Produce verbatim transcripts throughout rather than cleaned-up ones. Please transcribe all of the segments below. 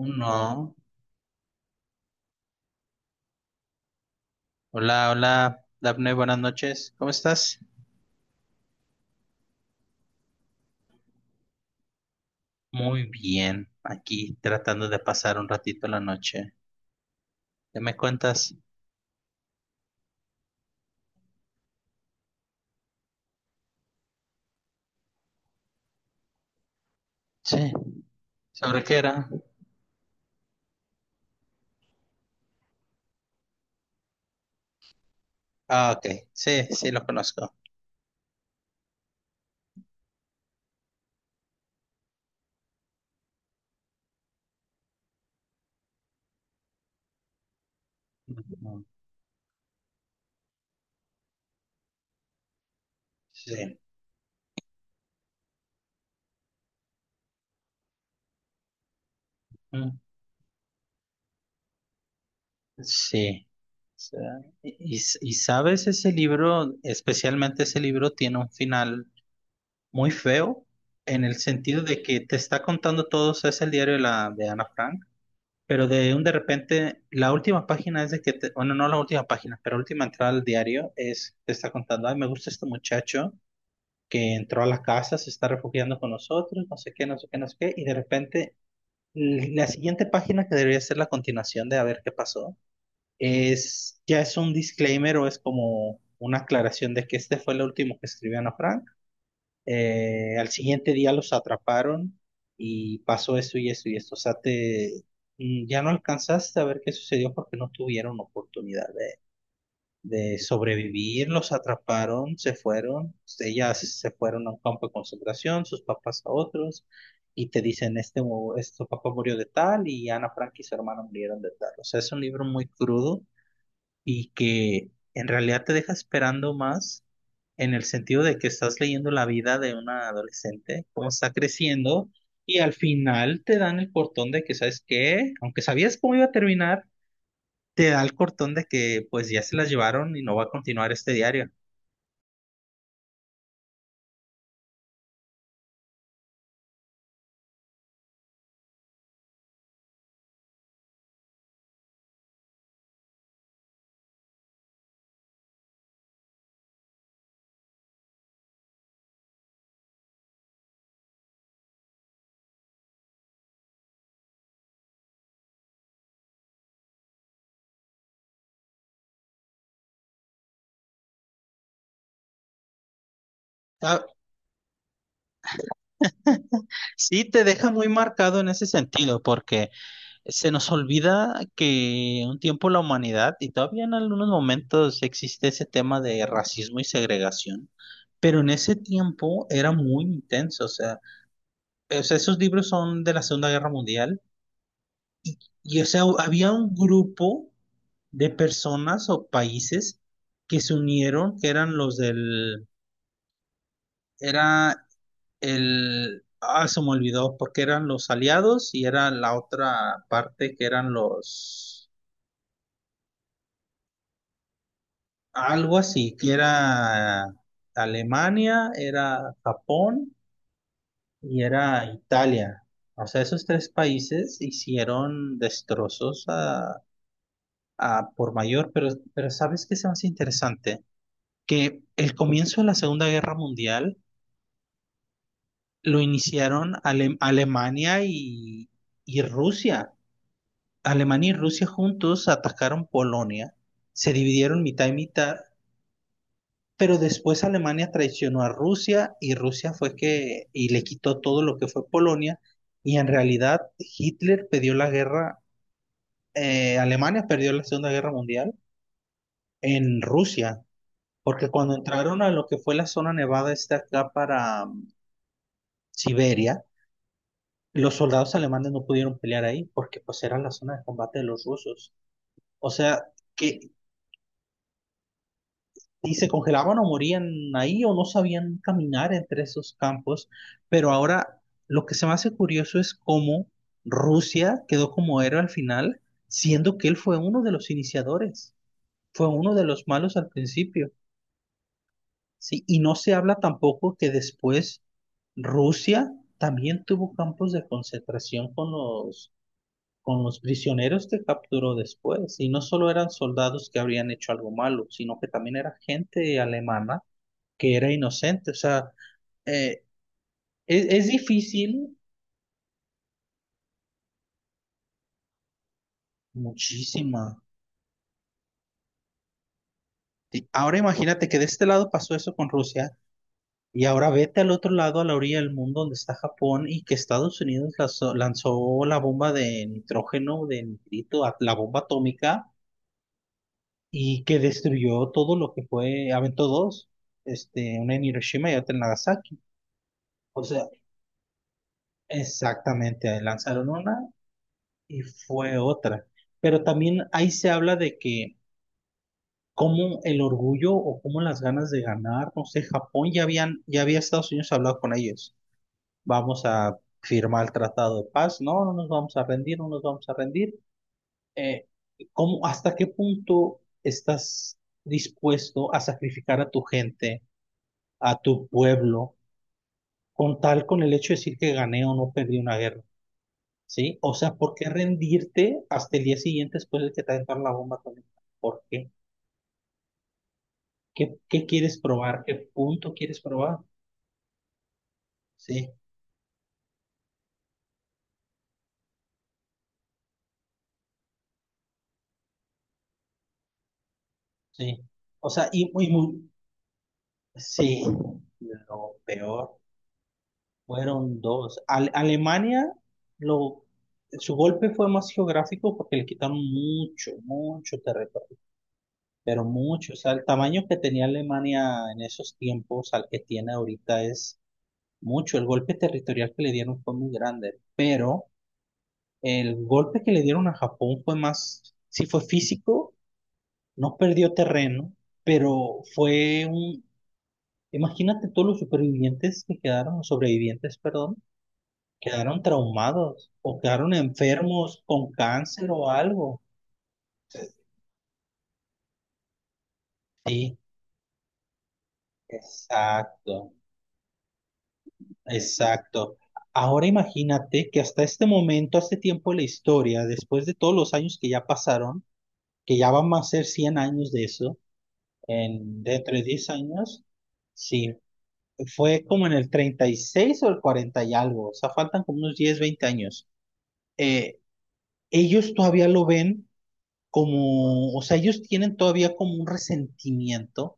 Uno. Hola, hola, Daphne, buenas noches. ¿Cómo estás? Muy bien, aquí tratando de pasar un ratito la noche. ¿Qué me cuentas? Sí. ¿Sobre qué era? Ah, ok. Sí, sí, lo conozco. Ujú. Sí. Mm. Sí. O sea, Y, y- y sabes, ese libro, especialmente ese libro, tiene un final muy feo en el sentido de que te está contando todo, o sea, es el diario de, la, de Ana Frank. Pero de un de repente, la última página es de que, te- bueno, no la última página, pero la última entrada al diario es, te está contando, ay, me gusta este muchacho que entró a la casa, se está refugiando con nosotros, no sé qué, no sé qué, no sé qué, y de repente l- la siguiente página que debería ser la continuación de a ver qué pasó, es, ya es un disclaimer o es como una aclaración de que este fue lo último que escribió Ana Frank, eh, al siguiente día los atraparon y pasó esto y esto y esto. O sea, te, mm, ya no alcanzaste a ver qué sucedió porque no tuvieron oportunidad de, de sobrevivir. Los atraparon, se fueron. Ellas se fueron a un campo de concentración, sus papás a otros. Y te dicen, este, mu- este papá murió de tal y Ana Frank y su hermana murieron de tal. O sea, es un libro muy crudo y que en realidad te deja esperando más en el sentido de que estás leyendo la vida de una adolescente, cómo está creciendo, y al final te dan el cortón de que, ¿sabes qué? Aunque sabías cómo iba a terminar, te da el cortón de que pues ya se las llevaron y no va a continuar este diario. Ah, sí, te deja muy marcado en ese sentido, porque se nos olvida que un tiempo la humanidad, y todavía en algunos momentos existe ese tema de racismo y segregación, pero en ese tiempo era muy intenso, o sea, o sea, esos libros son de la Segunda Guerra Mundial, y o sea, había un grupo de personas o países que se unieron, que eran los del, era el, ah, se me olvidó, porque eran los aliados y era la otra parte que eran los, algo así, que era Alemania, era Japón y era Italia. O sea, esos tres países hicieron destrozos a, a por mayor, pero, pero ¿sabes qué es más interesante? Que el comienzo de la Segunda Guerra Mundial lo iniciaron Ale- Alemania y, y Rusia. Alemania y Rusia juntos atacaron Polonia, se dividieron mitad y mitad, pero después Alemania traicionó a Rusia y Rusia fue que y le quitó todo lo que fue Polonia y en realidad Hitler perdió la guerra. eh, Alemania perdió la Segunda Guerra Mundial en Rusia, porque cuando entraron a lo que fue la zona nevada esta acá para um, Siberia, los soldados alemanes no pudieron pelear ahí porque pues era la zona de combate de los rusos. O sea, que y se congelaban o morían ahí o no sabían caminar entre esos campos. Pero ahora lo que se me hace curioso es cómo Rusia quedó como héroe al final, siendo que él fue uno de los iniciadores, fue uno de los malos al principio. Sí, y no se habla tampoco que después Rusia también tuvo campos de concentración con los, con los prisioneros que capturó después. Y no solo eran soldados que habrían hecho algo malo, sino que también era gente alemana que era inocente. O sea, eh, es, es difícil, muchísima. Y ahora imagínate que de este lado pasó eso con Rusia y ahora vete al otro lado, a la orilla del mundo donde está Japón y que Estados Unidos lanzó, lanzó la bomba de nitrógeno, de nitrito, a- la bomba atómica y que destruyó todo lo que fue, aventó dos, este, una en Hiroshima y otra en Nagasaki. O sea, exactamente, lanzaron una y fue otra. Pero también ahí se habla de que cómo el orgullo o cómo las ganas de ganar, no sé, Japón ya habían, ya había Estados Unidos hablado con ellos. Vamos a firmar el tratado de paz, no, no nos vamos a rendir, no nos vamos a rendir. Eh, ¿Cómo, hasta qué punto estás dispuesto a sacrificar a tu gente, a tu pueblo, con tal con el hecho de decir que gané o no perdí una guerra? ¿Sí? O sea, ¿por qué rendirte hasta el día siguiente después de que te aventaron la bomba atómica? ¿Por qué? ¿Qué, qué quieres probar? ¿Qué punto quieres probar? Sí, sí. O sea, y muy, muy, sí, lo peor fueron dos. Ale- Alemania, lo, su golpe fue más geográfico porque le quitaron mucho, mucho territorio, pero mucho. O sea, el tamaño que tenía Alemania en esos tiempos al que tiene ahorita es mucho. El golpe territorial que le dieron fue muy grande, pero el golpe que le dieron a Japón fue más, sí fue físico, no perdió terreno pero fue un, imagínate todos los supervivientes que quedaron, los sobrevivientes, perdón, quedaron traumados o quedaron enfermos con cáncer o algo. Sí, exacto, exacto. Ahora imagínate que hasta este momento, hasta este tiempo de la historia, después de todos los años que ya pasaron, que ya van a ser cien años de eso, en, dentro de diez años, sí, fue como en el treinta y seis o el cuarenta y algo, o sea, faltan como unos diez veinte años. Eh, ellos todavía lo ven como, o sea, ellos tienen todavía como un resentimiento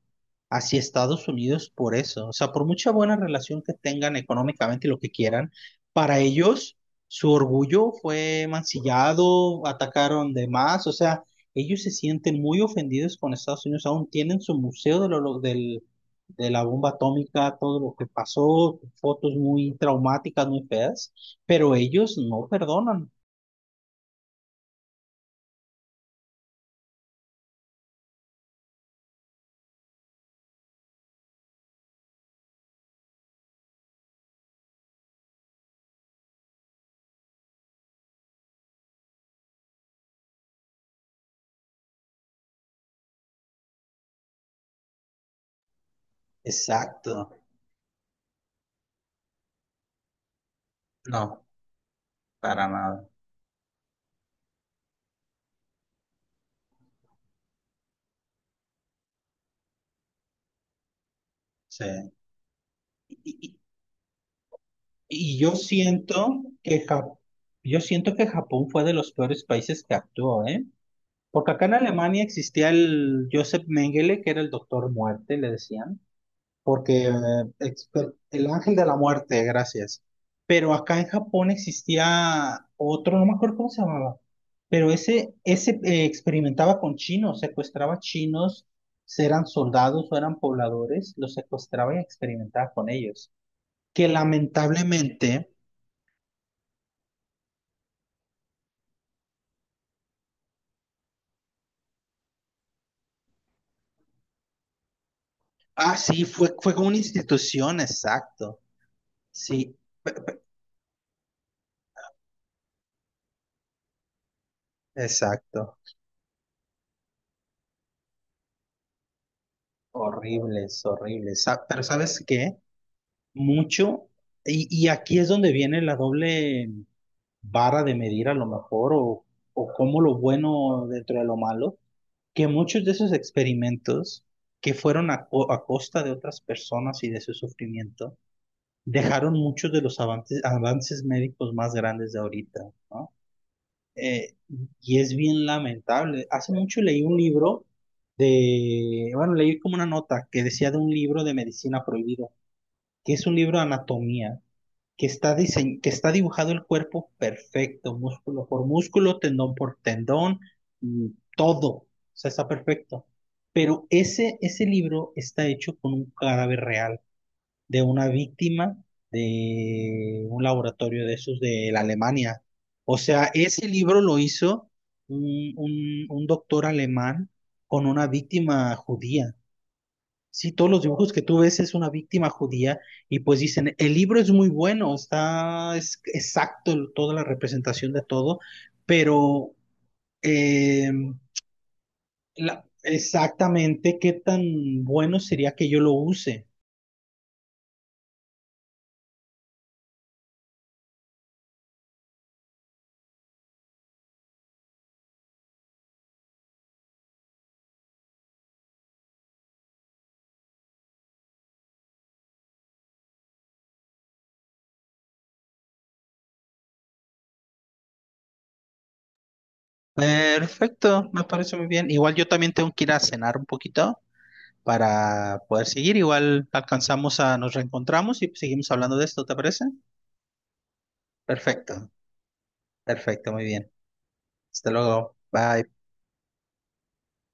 hacia Estados Unidos por eso. O sea, por mucha buena relación que tengan económicamente y lo que quieran, para ellos su orgullo fue mancillado, atacaron de más, o sea, ellos se sienten muy ofendidos con Estados Unidos, aún tienen su museo de, lo, del, de la bomba atómica, todo lo que pasó, fotos muy traumáticas, muy feas, pero ellos no perdonan. Exacto. No, para nada. Sí. Y, y- y yo siento que Ja- yo siento que Japón fue de los peores países que actuó, ¿eh? Porque acá en Alemania existía el Joseph Mengele, que era el doctor muerte, le decían. Porque eh, exper- el ángel de la muerte, gracias. Pero acá en Japón existía otro, no me acuerdo cómo se llamaba, pero ese, ese eh, experimentaba con chinos, secuestraba chinos, si eran soldados o eran pobladores, los secuestraba y experimentaba con ellos. Que lamentablemente, ah, sí, fue, fue con una institución, exacto. Sí, exacto. Horribles, horribles. Sa- Pero ¿sabes qué? Mucho. Y, y aquí es donde viene la doble vara de medir a lo mejor, o, o como lo bueno dentro de lo malo, que muchos de esos experimentos que fueron a, co- a costa de otras personas y de su sufrimiento, dejaron muchos de los avances, avances médicos más grandes de ahorita, ¿no? Eh, y es bien lamentable. Hace mucho leí un libro de, bueno, leí como una nota que decía de un libro de medicina prohibido, que es un libro de anatomía que está, diseñ- que está dibujado el cuerpo perfecto, músculo por músculo, tendón por tendón, mm, todo, o sea, está perfecto. Pero ese, ese libro está hecho con un cadáver real de una víctima de un laboratorio de esos de la Alemania. O sea, ese libro lo hizo un, un un doctor alemán con una víctima judía. Sí, todos los dibujos que tú ves es una víctima judía y pues dicen, el libro es muy bueno, está es exacto el- toda la representación de todo, pero eh, la- exactamente qué tan bueno sería que yo lo use. Perfecto, me parece muy bien. Igual yo también tengo que ir a cenar un poquito para poder seguir. Igual alcanzamos a, nos reencontramos y seguimos hablando de esto, ¿te parece? Perfecto, perfecto, muy bien. Hasta luego, bye.